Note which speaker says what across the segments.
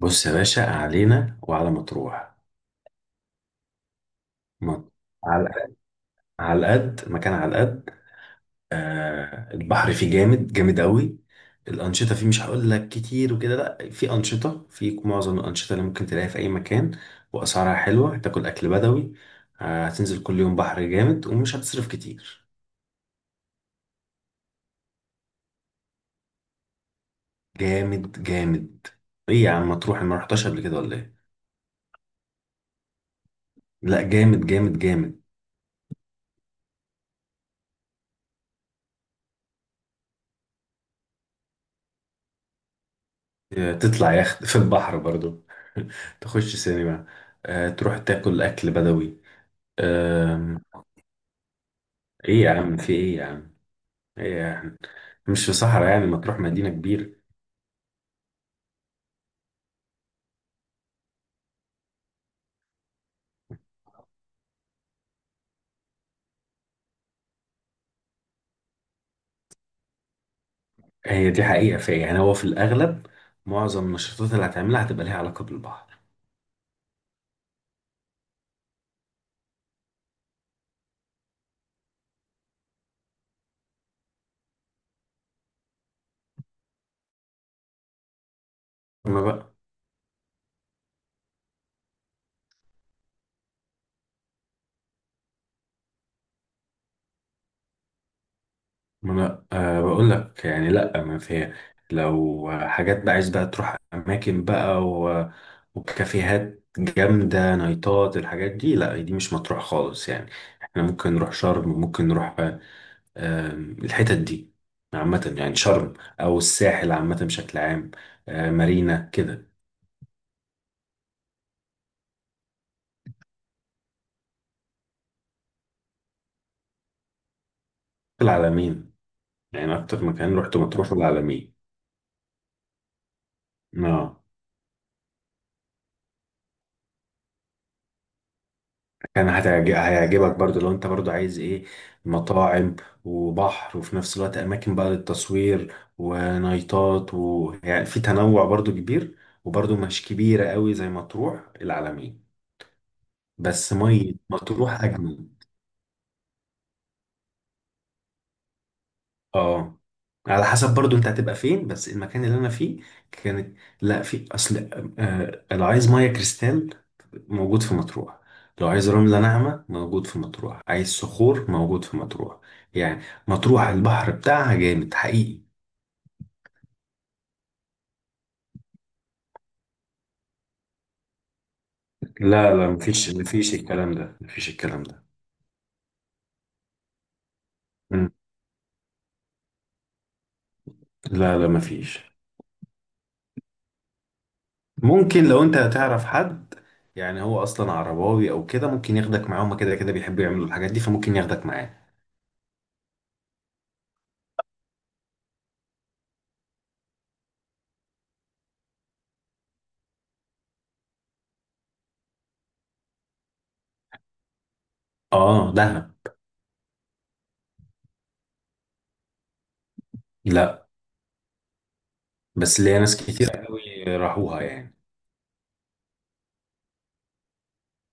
Speaker 1: بص يا باشا، علينا وعلى مطروح. مط- على على القد مكان على القد. آه، البحر فيه جامد جامد قوي. الأنشطة فيه، مش هقول لك كتير وكده، لا، في أنشطة، في معظم الأنشطة اللي ممكن تلاقيها في أي مكان. وأسعارها حلوة، هتاكل أكل بدوي. هتنزل كل يوم بحر جامد، ومش هتصرف كتير. جامد جامد. إيه يا عم مطروح، أنا ما رحتهاش قبل كده ولا إيه؟ لا، جامد جامد جامد. تطلع يخت في البحر برضو تخش سينما. تروح تاكل أكل بدوي. آم، إيه يا عم، في إيه يا عم، إيه يا عم، مش في صحراء يعني، ما تروح مدينة كبيرة. هي دي حقيقة، في يعني، هو في الأغلب معظم النشاطات اللي هتعملها هتبقى ليها علاقة بالبحر. أما بقى، ما انا بقول لك يعني لا، ما في. لو حاجات بقى عايز بقى تروح اماكن بقى وكافيهات جامده، نايتات، الحاجات دي، لا دي مش مطروح خالص يعني. احنا ممكن نروح شرم، ممكن نروح، الحتت دي عامه يعني، شرم او الساحل عامه بشكل عام. مارينا كده. العلمين. يعني اكتر مكان رحت، مطروح، العلمين. اه، كان هيعجبك برضو لو انت برضو عايز ايه، مطاعم وبحر، وفي نفس الوقت اماكن بقى للتصوير ونايتات، ويعني في تنوع برضو كبير. وبرضو مش كبيرة قوي زي مطروح، العلمين. بس مية مطروح اجمل. اه، على حسب برضو انت هتبقى فين. بس المكان اللي انا فيه كانت، لا، في اصل، لو عايز ميه كريستال موجود في مطروح، لو عايز رملة ناعمة موجود في مطروح، عايز صخور موجود في مطروح يعني. مطروح البحر بتاعها جامد حقيقي. لا لا، مفيش، مفيش الكلام ده، مفيش الكلام ده. مم. لا لا، مفيش. ممكن لو انت هتعرف حد يعني، هو اصلا عرباوي او كده، ممكن ياخدك معاه. هما كده كده بيحبوا يعملوا الحاجات دي، فممكن ياخدك معاه. اه، دهب. لا، بس ليا ناس كتير قوي راحوها يعني.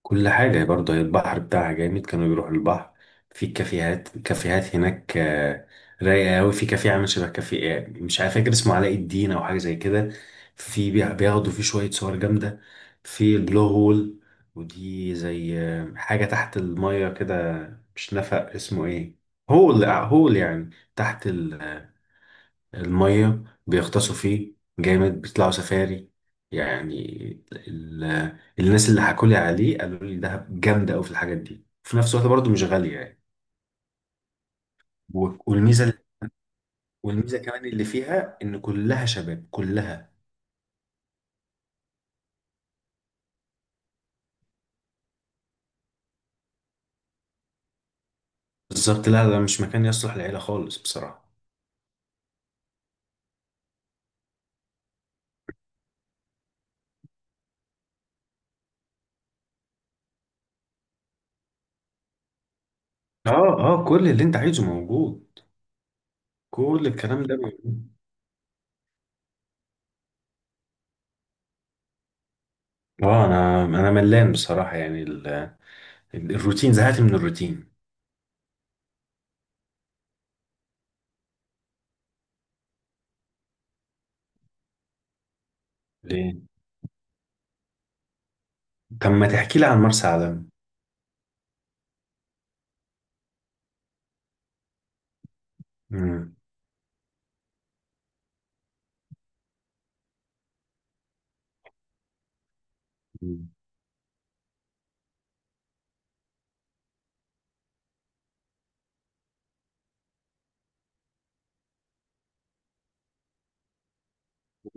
Speaker 1: كل حاجة برضه، هي البحر بتاعها جامد، كانوا بيروحوا البحر. في كافيهات كافيهات هناك، رايقة قوي. في كافيه عامل شبه كافيه، مش عارف، فاكر اسمه علاء الدين أو حاجة زي كده. في بياخدوا فيه شوية صور جامدة. في البلو هول، ودي زي حاجة تحت المية كده. مش نفق، اسمه ايه، هول، هول يعني، تحت المية بيغطسوا فيه. جامد. بيطلعوا سفاري يعني. ال... الناس اللي حكولي عليه قالوا لي دهب جامدة أوي في الحاجات دي، في نفس الوقت برضه مش غالية يعني. و- والميزة والميزة كمان اللي فيها إن كلها شباب، كلها. بالظبط، لا، ده مش مكان يصلح للعيلة خالص بصراحة. اه اه، كل اللي انت عايزه موجود. كل الكلام ده موجود. اه، انا ملان بصراحة يعني، الروتين، زهقت من الروتين. ليه؟ طب ما تحكي لي عن مرسى علم.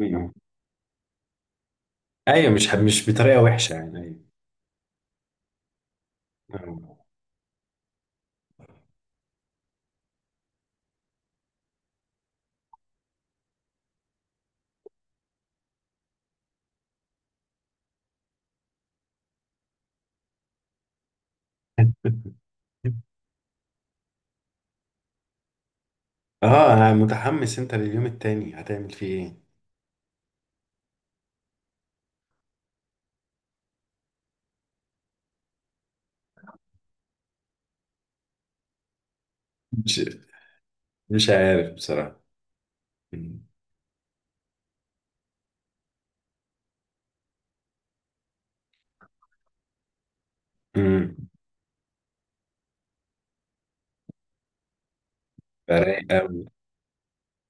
Speaker 1: امم. ايوه، مش حب مش بطريقه وحشه يعني، ايوه. اه انا متحمس، انت لليوم التاني هتعمل فيه ايه؟ مش مش عارف بصراحه. امم. رايق قوي.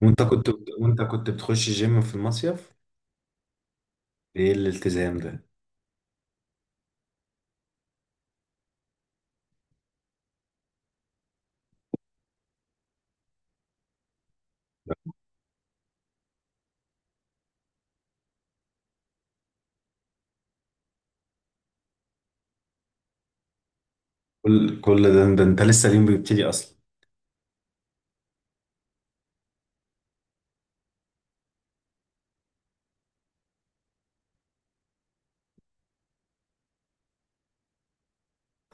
Speaker 1: وانت كنت وانت كنت بتخش جيم في المصيف؟ ايه الالتزام ده؟ كل ده انت لسه اليوم بيبتدي اصلا.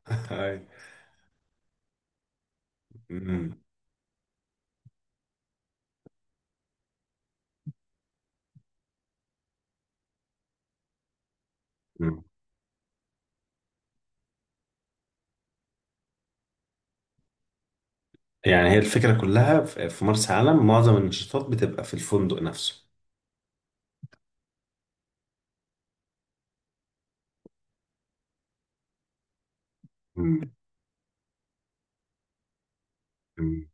Speaker 1: أيوة. أمم. أمم. يعني هي الفكره كلها في مرسى علم، معظم النشاطات بتبقى في الفندق نفسه. أمم.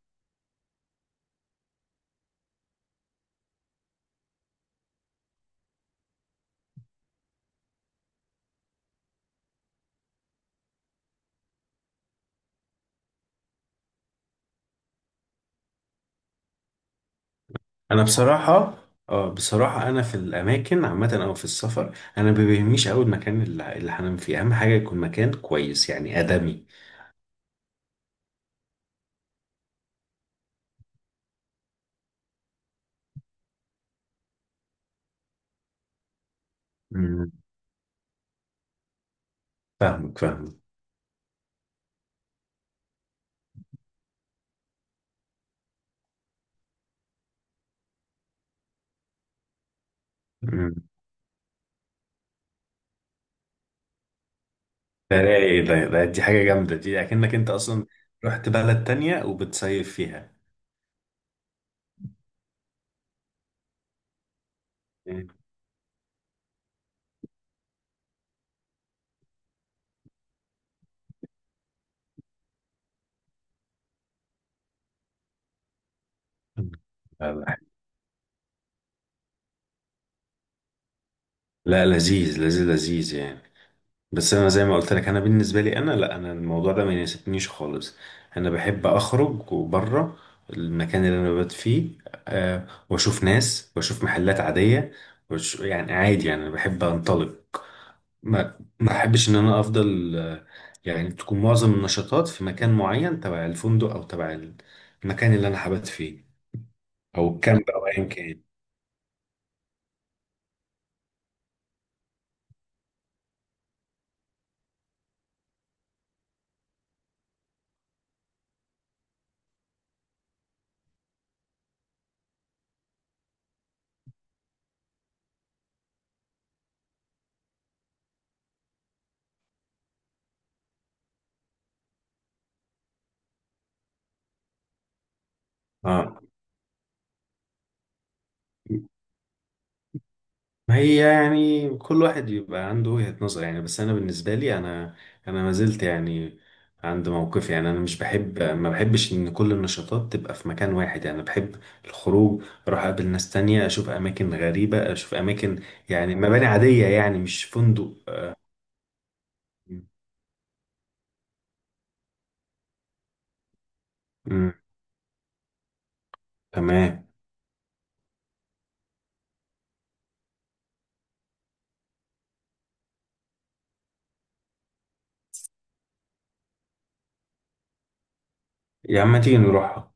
Speaker 1: انا بصراحه، اه بصراحه، انا في الاماكن عامه او في السفر، انا ما بيهمنيش قوي المكان اللي هنام فيه، اهم حاجه يكون مكان كويس يعني، ادمي. امم. فاهمك فاهمك. امم. ده رايق، ده، دي حاجه جامده دي، اكنك انت اصلا رحت بلد تانية وبتصيف فيها. مم. لا لا، لا، لذيذ لذيذ لذيذ يعني. بس انا زي ما قلت لك، انا بالنسبه لي انا، لا، انا الموضوع ده ما يناسبنيش خالص. انا بحب اخرج وبره المكان اللي انا ببات فيه، واشوف ناس واشوف محلات عاديه، وش يعني عادي يعني، انا بحب انطلق. ما احبش ان انا افضل، يعني تكون معظم النشاطات في مكان معين تبع الفندق، او تبع المكان اللي انا حبات فيه، او الكامب، او ايا كان. اه، ما هي يعني كل واحد بيبقى عنده وجهة نظر يعني، بس انا بالنسبه لي انا، انا ما زلت يعني عند موقفي يعني. انا مش بحب، ما بحبش ان كل النشاطات تبقى في مكان واحد يعني. بحب الخروج، اروح اقابل ناس تانية، اشوف اماكن غريبه، اشوف اماكن يعني مباني عاديه يعني، مش فندق. امم. تمام. يا عم ما تيجي نروح.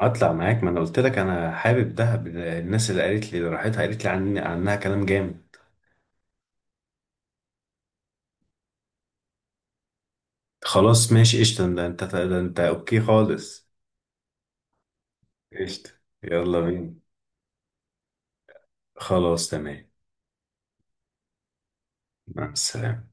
Speaker 1: اطلع معاك، ما انا قلت لك انا حابب دهب، الناس اللي قالت لي اللي راحتها قالت لي عن عنها كلام جامد. خلاص ماشي قشطه، ده انت ده انت اوكي خالص. قشطة. يلا بينا. خلاص تمام. مع السلامة.